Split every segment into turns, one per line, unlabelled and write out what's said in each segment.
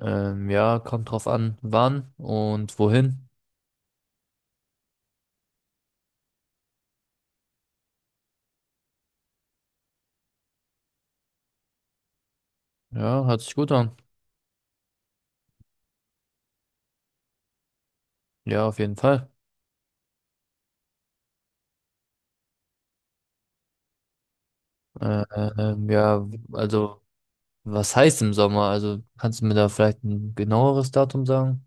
Ja, kommt drauf an, wann und wohin. Ja, hört sich gut an. Ja, auf jeden Fall. Äh, ähm, ja, also, Was heißt im Sommer? Also, kannst du mir da vielleicht ein genaueres Datum sagen?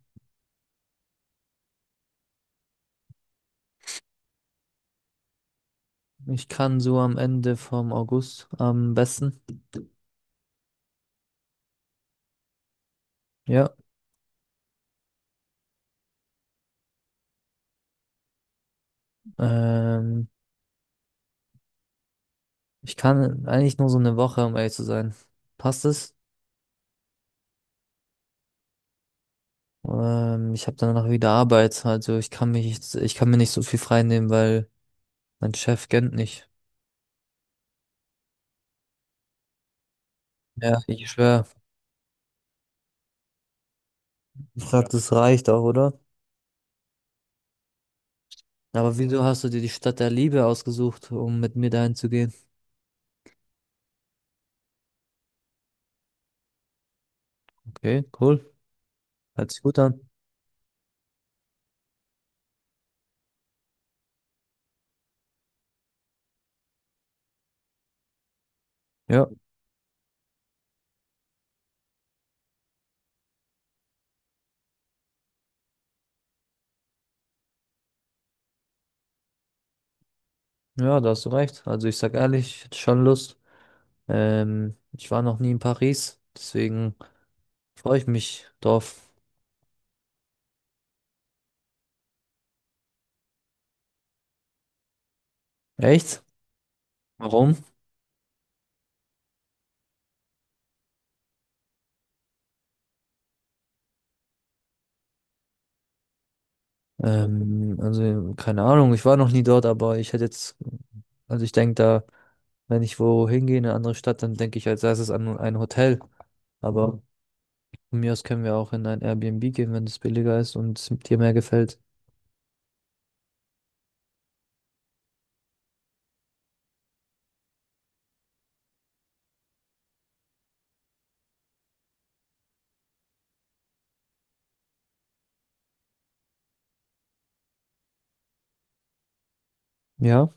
Ich kann so am Ende vom August am besten. Ja, ähm, ich kann eigentlich nur so eine Woche, um ehrlich zu sein. Passt es? Ich habe danach wieder Arbeit, also ich kann mir nicht so viel frei nehmen, weil mein Chef kennt nicht. Ja, ich schwöre. Ich glaube, das reicht auch, oder? Aber wieso hast du dir die Stadt der Liebe ausgesucht, um mit mir dahin zu gehen? Okay, cool. Hört sich gut an. Ja, ja, da hast du recht. Also ich sag ehrlich, ich hätte schon Lust. Ich war noch nie in Paris, deswegen freue ich mich drauf. Echt? Warum? Also keine Ahnung, ich war noch nie dort, aber ich hätte jetzt, also ich denke da, wenn ich wohin gehe, in eine andere Stadt, dann denke ich als Erstes an ein Hotel. Mhm. Aber von mir aus können wir auch in ein Airbnb gehen, wenn es billiger ist und es dir mehr gefällt. Ja?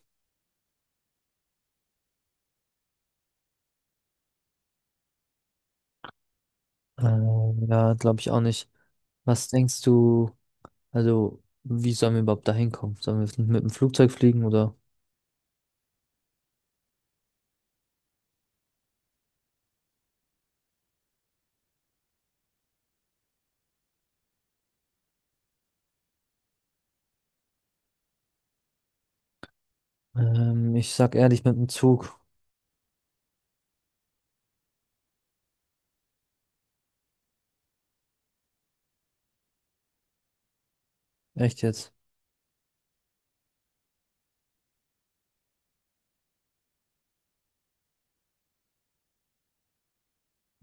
Ja, Glaube ich auch nicht. Was denkst du, also wie sollen wir überhaupt da hinkommen? Sollen wir mit dem Flugzeug fliegen oder? Ich sag ehrlich, mit dem Zug. Echt jetzt?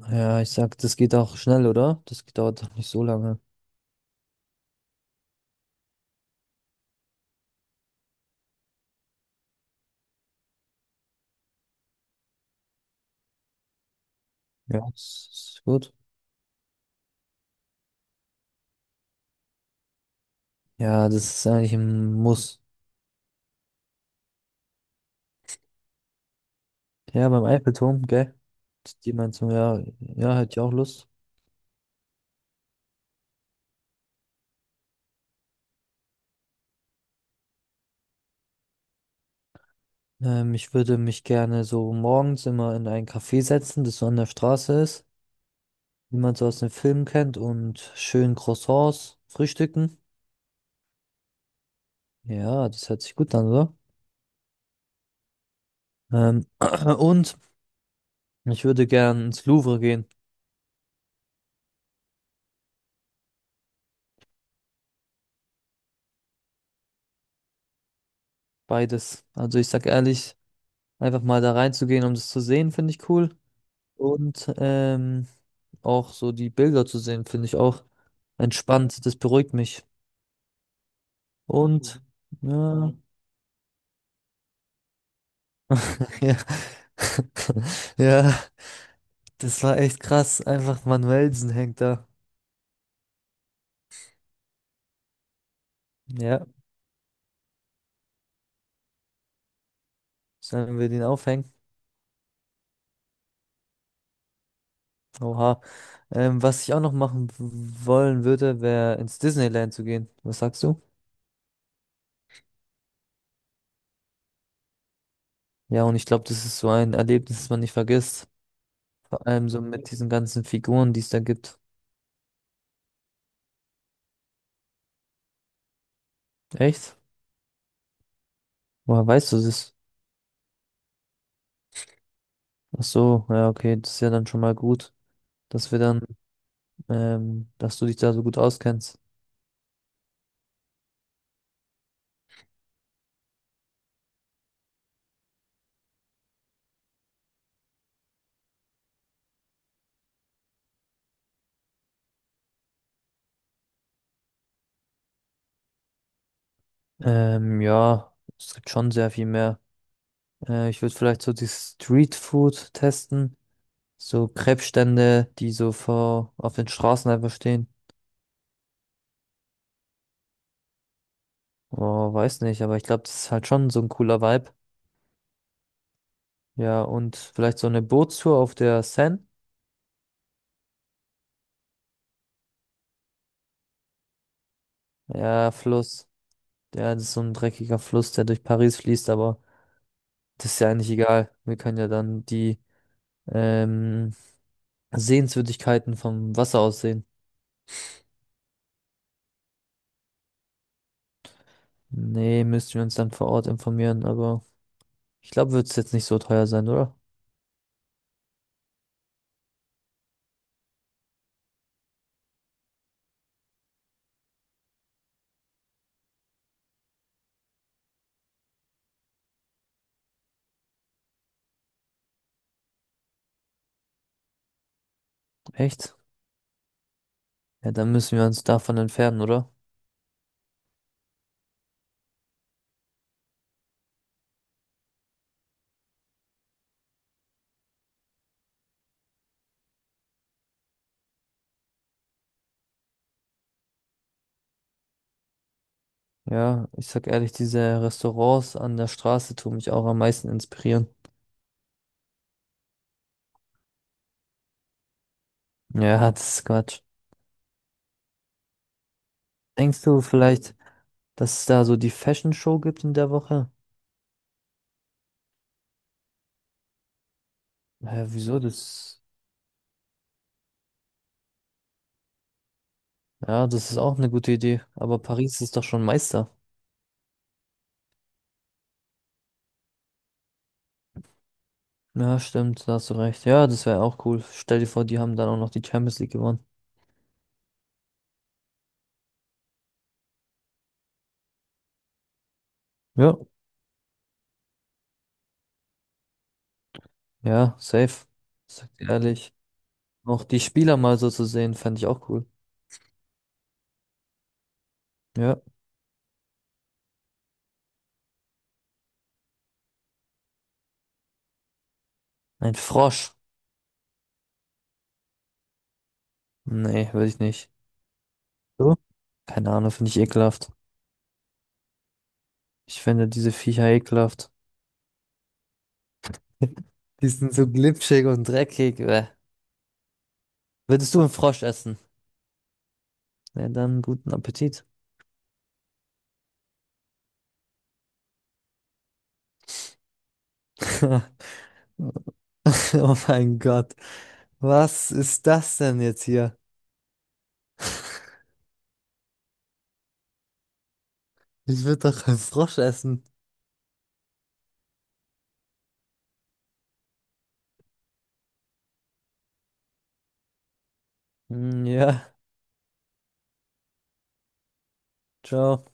Ja, ich sag, das geht auch schnell, oder? Das dauert doch nicht so lange. Ja, das ist gut. Ja, das ist eigentlich ein Muss. Ja, beim Eiffelturm, gell? Die meinst du, ja, ja, hätte ich auch Lust. Ich würde mich gerne so morgens immer in ein Café setzen, das so an der Straße ist, wie man so aus den Filmen kennt, und schön Croissants frühstücken. Ja, das hört sich gut an, oder? Ähm, und ich würde gern ins Louvre gehen. Beides. Also ich sag ehrlich, einfach mal da reinzugehen, um das zu sehen, finde ich cool. Und auch so die Bilder zu sehen, finde ich auch entspannt. Das beruhigt mich. Und mhm, ja, ja, ja. Das war echt krass. Einfach Manuelsen hängt da. Ja, sollen wir den aufhängen? Oha. Was ich auch noch wollen würde, wäre ins Disneyland zu gehen. Was sagst du? Ja, und ich glaube, das ist so ein Erlebnis, das man nicht vergisst. Vor allem so mit diesen ganzen Figuren, die es da gibt. Echt? Woher weißt du das? Ach so, ja, okay, das ist ja dann schon mal gut, dass wir dann, dass du dich da so gut auskennst. Ähm, ja, Es gibt schon sehr viel mehr. Ich würde vielleicht so die Street Food testen. So Krebsstände, die so vor auf den Straßen einfach stehen. Oh, weiß nicht, aber ich glaube, das ist halt schon so ein cooler Vibe. Ja, und vielleicht so eine Bootstour auf der Seine. Ja, Fluss. Ja, das ist so ein dreckiger Fluss, der durch Paris fließt, aber das ist ja eigentlich egal. Wir können ja dann die ähm, Sehenswürdigkeiten vom Wasser aus sehen. Nee, müssten wir uns dann vor Ort informieren, aber ich glaube, wird es jetzt nicht so teuer sein, oder? Echt? Ja, dann müssen wir uns davon entfernen, oder? Ja, ich sag ehrlich, diese Restaurants an der Straße tun mich auch am meisten inspirieren. Ja, das ist Quatsch. Denkst du vielleicht, dass es da so die Fashion Show gibt in der Woche? Hä, wieso das? Ja, das ist auch eine gute Idee. Aber Paris ist doch schon Meister. Ja, stimmt, da hast du recht. Ja, das wäre auch cool. Stell dir vor, die haben dann auch noch die Champions League gewonnen. Ja. Ja, safe. Ich sag dir ehrlich. Auch die Spieler mal so zu sehen, fand ich auch cool. Ja. Ein Frosch. Nee, würde ich nicht. Du? Keine Ahnung, finde ich ekelhaft. Ich finde diese Viecher ekelhaft. Die sind so glitschig und dreckig. Bäh. Würdest du einen Frosch essen? Ja, dann guten Appetit. Oh mein Gott. Was ist das denn jetzt hier? Ich würde doch einen Frosch essen. Hm, ja, ciao.